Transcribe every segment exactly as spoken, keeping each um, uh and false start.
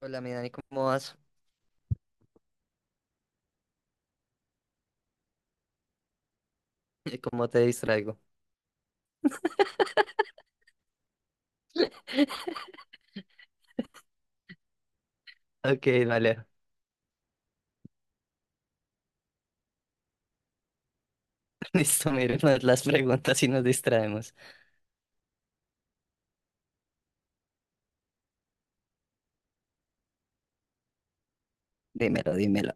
Hola, mi Dani, ¿cómo vas? ¿Cómo te distraigo? Ok, vale. Listo, miremos las preguntas y nos distraemos. Dímelo, dímelo.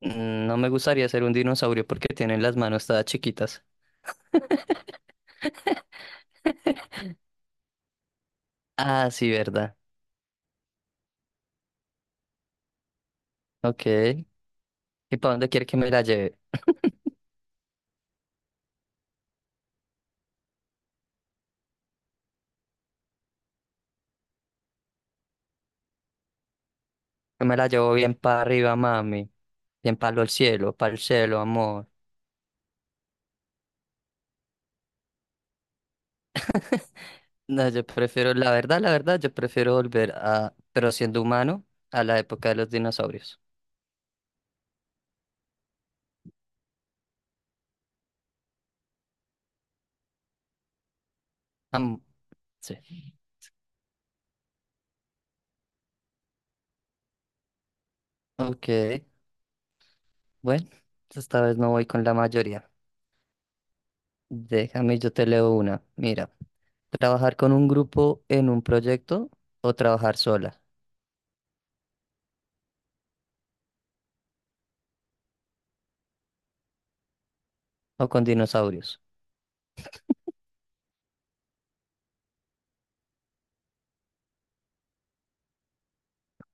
Mm, No me gustaría ser un dinosaurio porque tienen las manos todas chiquitas. Ah, sí, verdad. Ok. ¿Y para dónde quiere que me la lleve? Yo me la llevo bien para arriba, mami. Bien para el cielo, para el cielo, amor. No, yo prefiero, la verdad, la verdad, yo prefiero volver a, pero siendo humano, a la época de los dinosaurios. Am- sí. Ok. Bueno, esta vez no voy con la mayoría. Déjame, yo te leo una. Mira, trabajar con un grupo en un proyecto o trabajar sola o con dinosaurios.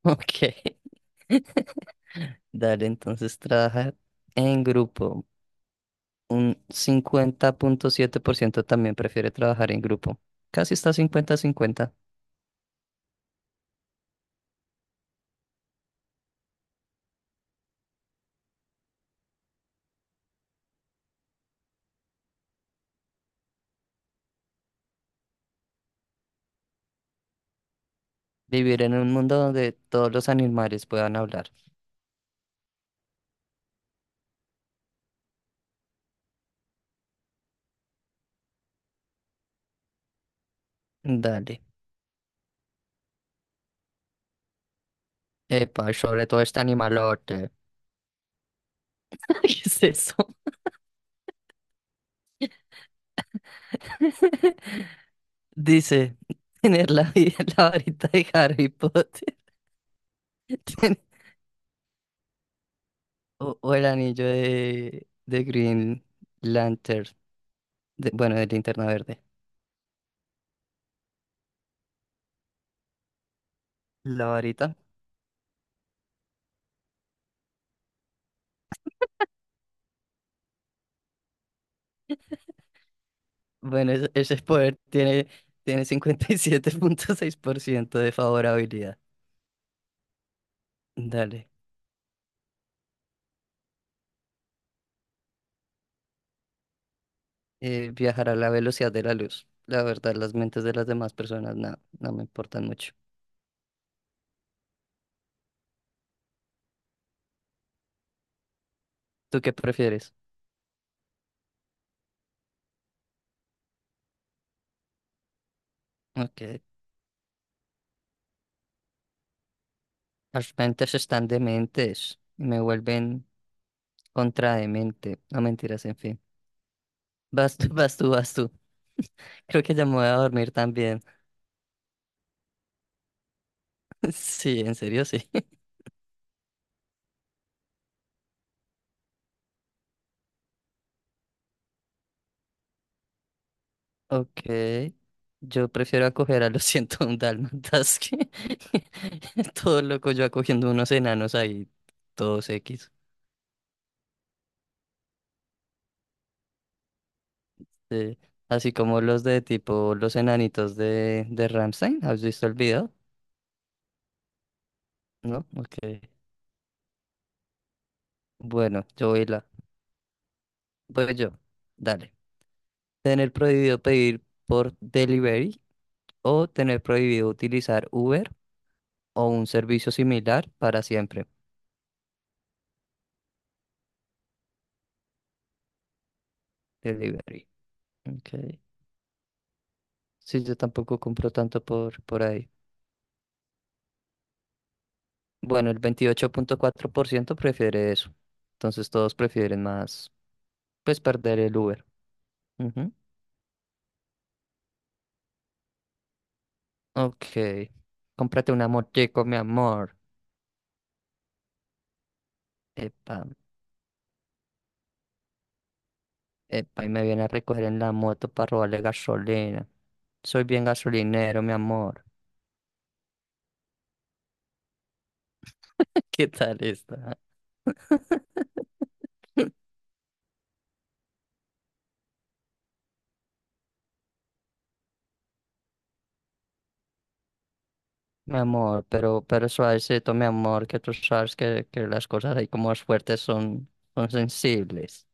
Ok. Dale, entonces trabajar en grupo. Un cincuenta punto siete por ciento también prefiere trabajar en grupo. Casi está cincuenta-cincuenta. Vivir en un mundo donde todos los animales puedan hablar. Dale. Epa, sobre todo este animalote. ¿Qué es eso? Dice, tener la, vi- la varita de Harry Potter ten- o, o el anillo de, de Green Lantern, de- bueno, de Linterna Verde. La varita, bueno, ese, ese poder tiene, tiene cincuenta y siete punto seis por ciento de favorabilidad. Dale. Eh, viajar a la velocidad de la luz. La verdad, las mentes de las demás personas no, no me importan mucho. ¿Tú qué prefieres? Ok, las mentes están dementes y me vuelven contra de mente. No mentiras, en fin. Vas tú, vas tú, vas tú. Creo que ya me voy a dormir también. Sí, en serio, sí. Ok. Yo prefiero acoger a los ciento un dálmatas que todo loco yo acogiendo unos enanos ahí, todos X. Sí. Así como los de tipo los enanitos de, de Rammstein. ¿Has visto el video? ¿No? Ok. Bueno, yo voy la. Voy yo. Dale. Tener prohibido pedir por delivery o tener prohibido utilizar Uber o un servicio similar para siempre, delivery. Okay. Sí, yo tampoco compro tanto por, por ahí. Bueno, el veintiocho punto cuatro por ciento prefiere eso. Entonces todos prefieren más, pues perder el Uber. Ujú. Ok. Cómprate una motico, mi amor. Epa, epa, y me viene a recoger en la moto para robarle gasolina. Soy bien gasolinero, mi amor. ¿Qué tal está? Mi amor, pero, pero suavecito, mi amor, que, tú sabes que, que las cosas ahí como más fuertes son, son sensibles.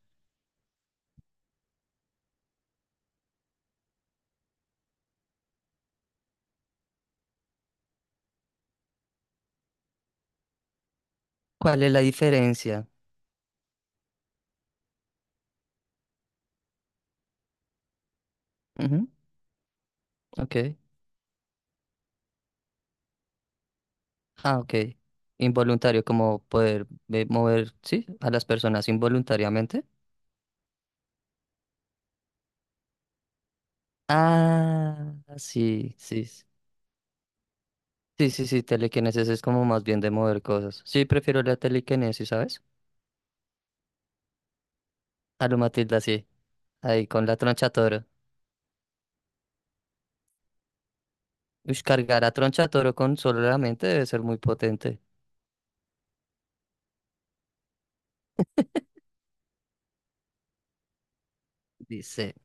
¿Cuál es la diferencia? Ujú, ok. Ah, ok. Involuntario, como poder eh, mover, sí, a las personas involuntariamente. Ah, sí, sí. Sí, sí, sí, sí, telequinesis es como más bien de mover cosas. Sí, prefiero la telequinesis, ¿sabes? A lo Matilda, sí. Ahí con la troncha toro. Ush, cargar a troncha toro con solo la mente debe ser muy potente. Dice.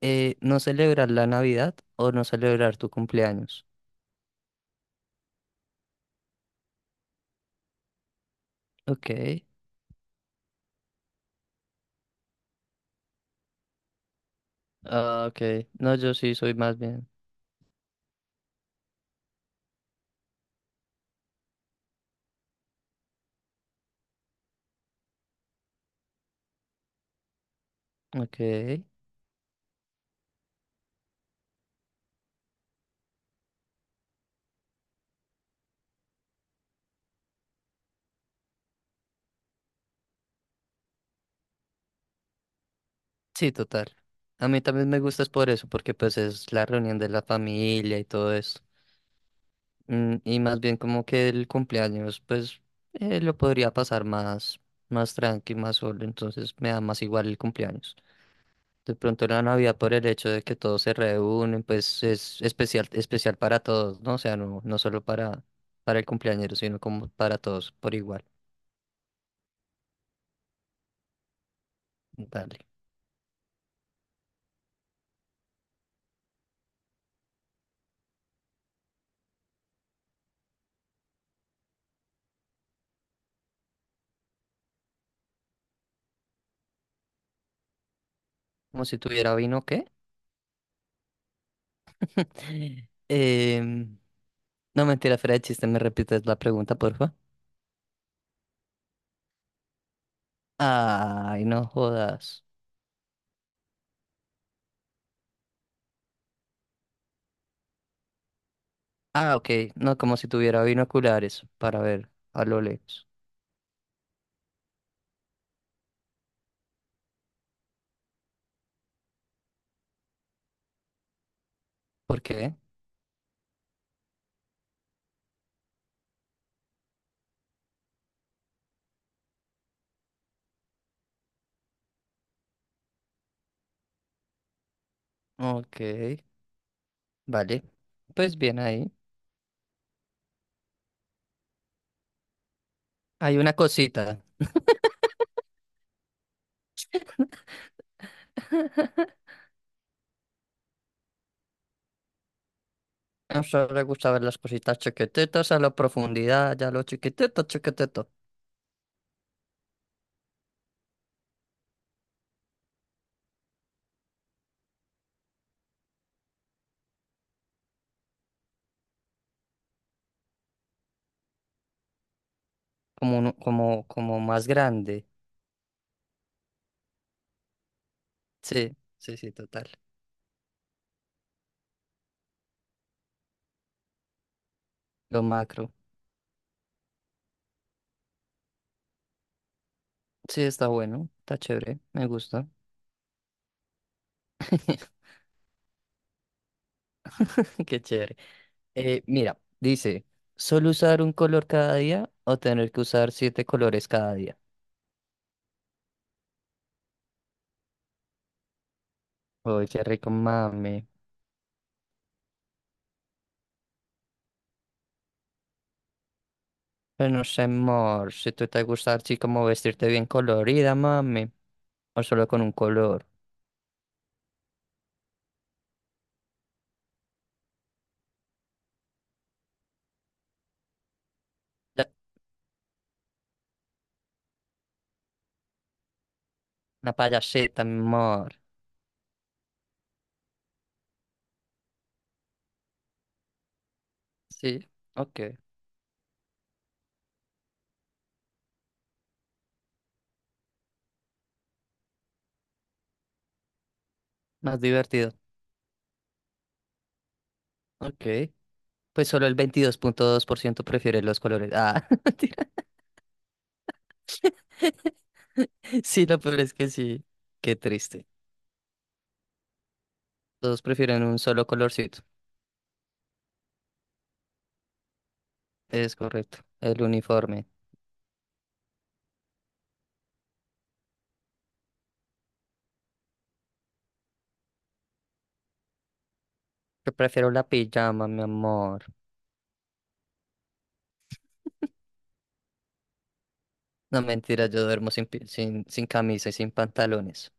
Eh, no celebrar la Navidad o no celebrar tu cumpleaños. Ok. Ah, ok. No, yo sí soy más bien. Ok. Sí, total. A mí también me gusta es por eso, porque pues es la reunión de la familia y todo eso. Mm, y más bien como que el cumpleaños, pues eh, lo podría pasar más, más tranqui, más solo. Entonces me da más igual el cumpleaños. De pronto la Navidad por el hecho de que todos se reúnen, pues es especial, especial para todos, ¿no? O sea, no, no solo para, para el cumpleañero, sino como para todos por igual. Dale. Como si tuviera vino, ¿qué? Em, no mentira, fuera de chiste, ¿me repites la pregunta, porfa? Ay, no jodas. Ah, ok. No, como si tuviera binoculares para ver a lo lejos. ¿Por qué? Ok, vale. Pues bien ahí. Hay una cosita. A usted le gusta ver las cositas chiquititas a la profundidad, ya lo chiquitito, chiquitito. Como, uno- como, como más grande. Sí, sí, sí, total. Lo macro. Sí, está bueno, está chévere, me gusta. Qué chévere. Eh, mira, dice, ¿solo usar un color cada día o tener que usar siete colores cada día? Uy, qué rico, mami. Pero no sé, amor, si tú te gusta así como vestirte bien colorida, mami, o solo con un color. La, una payaseta, mi amor. Sí, ok, más divertido. Ok, pues solo el veintidós punto dos por ciento prefiere los colores. Ah, mentira. Sí, lo peor es que sí. Qué triste. Todos prefieren un solo colorcito. Es correcto, el uniforme. Yo prefiero la pijama, mi amor. No, mentira, yo duermo sin, pi- sin, sin camisa y sin pantalones.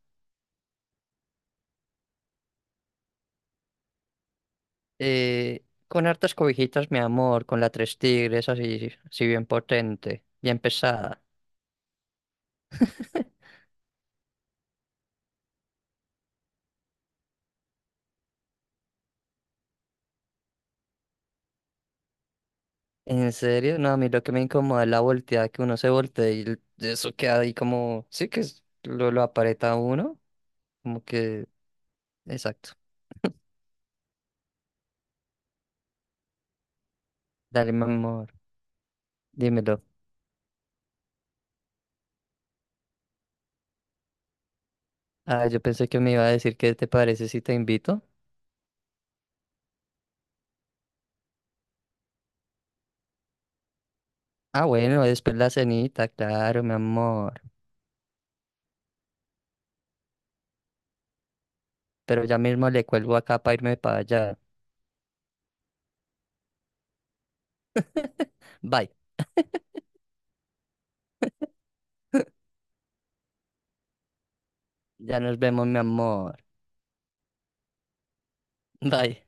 Eh, con hartas cobijitas, mi amor, con la tres tigres así, así bien potente, bien pesada. ¿En serio? No, a mí lo que me incomoda es la volteada, que uno se voltea y el- eso queda ahí como, sí que es- lo, lo aparenta a uno, como que, exacto. Dale, mi amor, dímelo. Ah, yo pensé que me iba a decir qué te parece si te invito. Ah, bueno, después la cenita, claro, mi amor. Pero ya mismo le cuelgo acá para irme para allá. Bye, ya nos vemos, mi amor. Bye.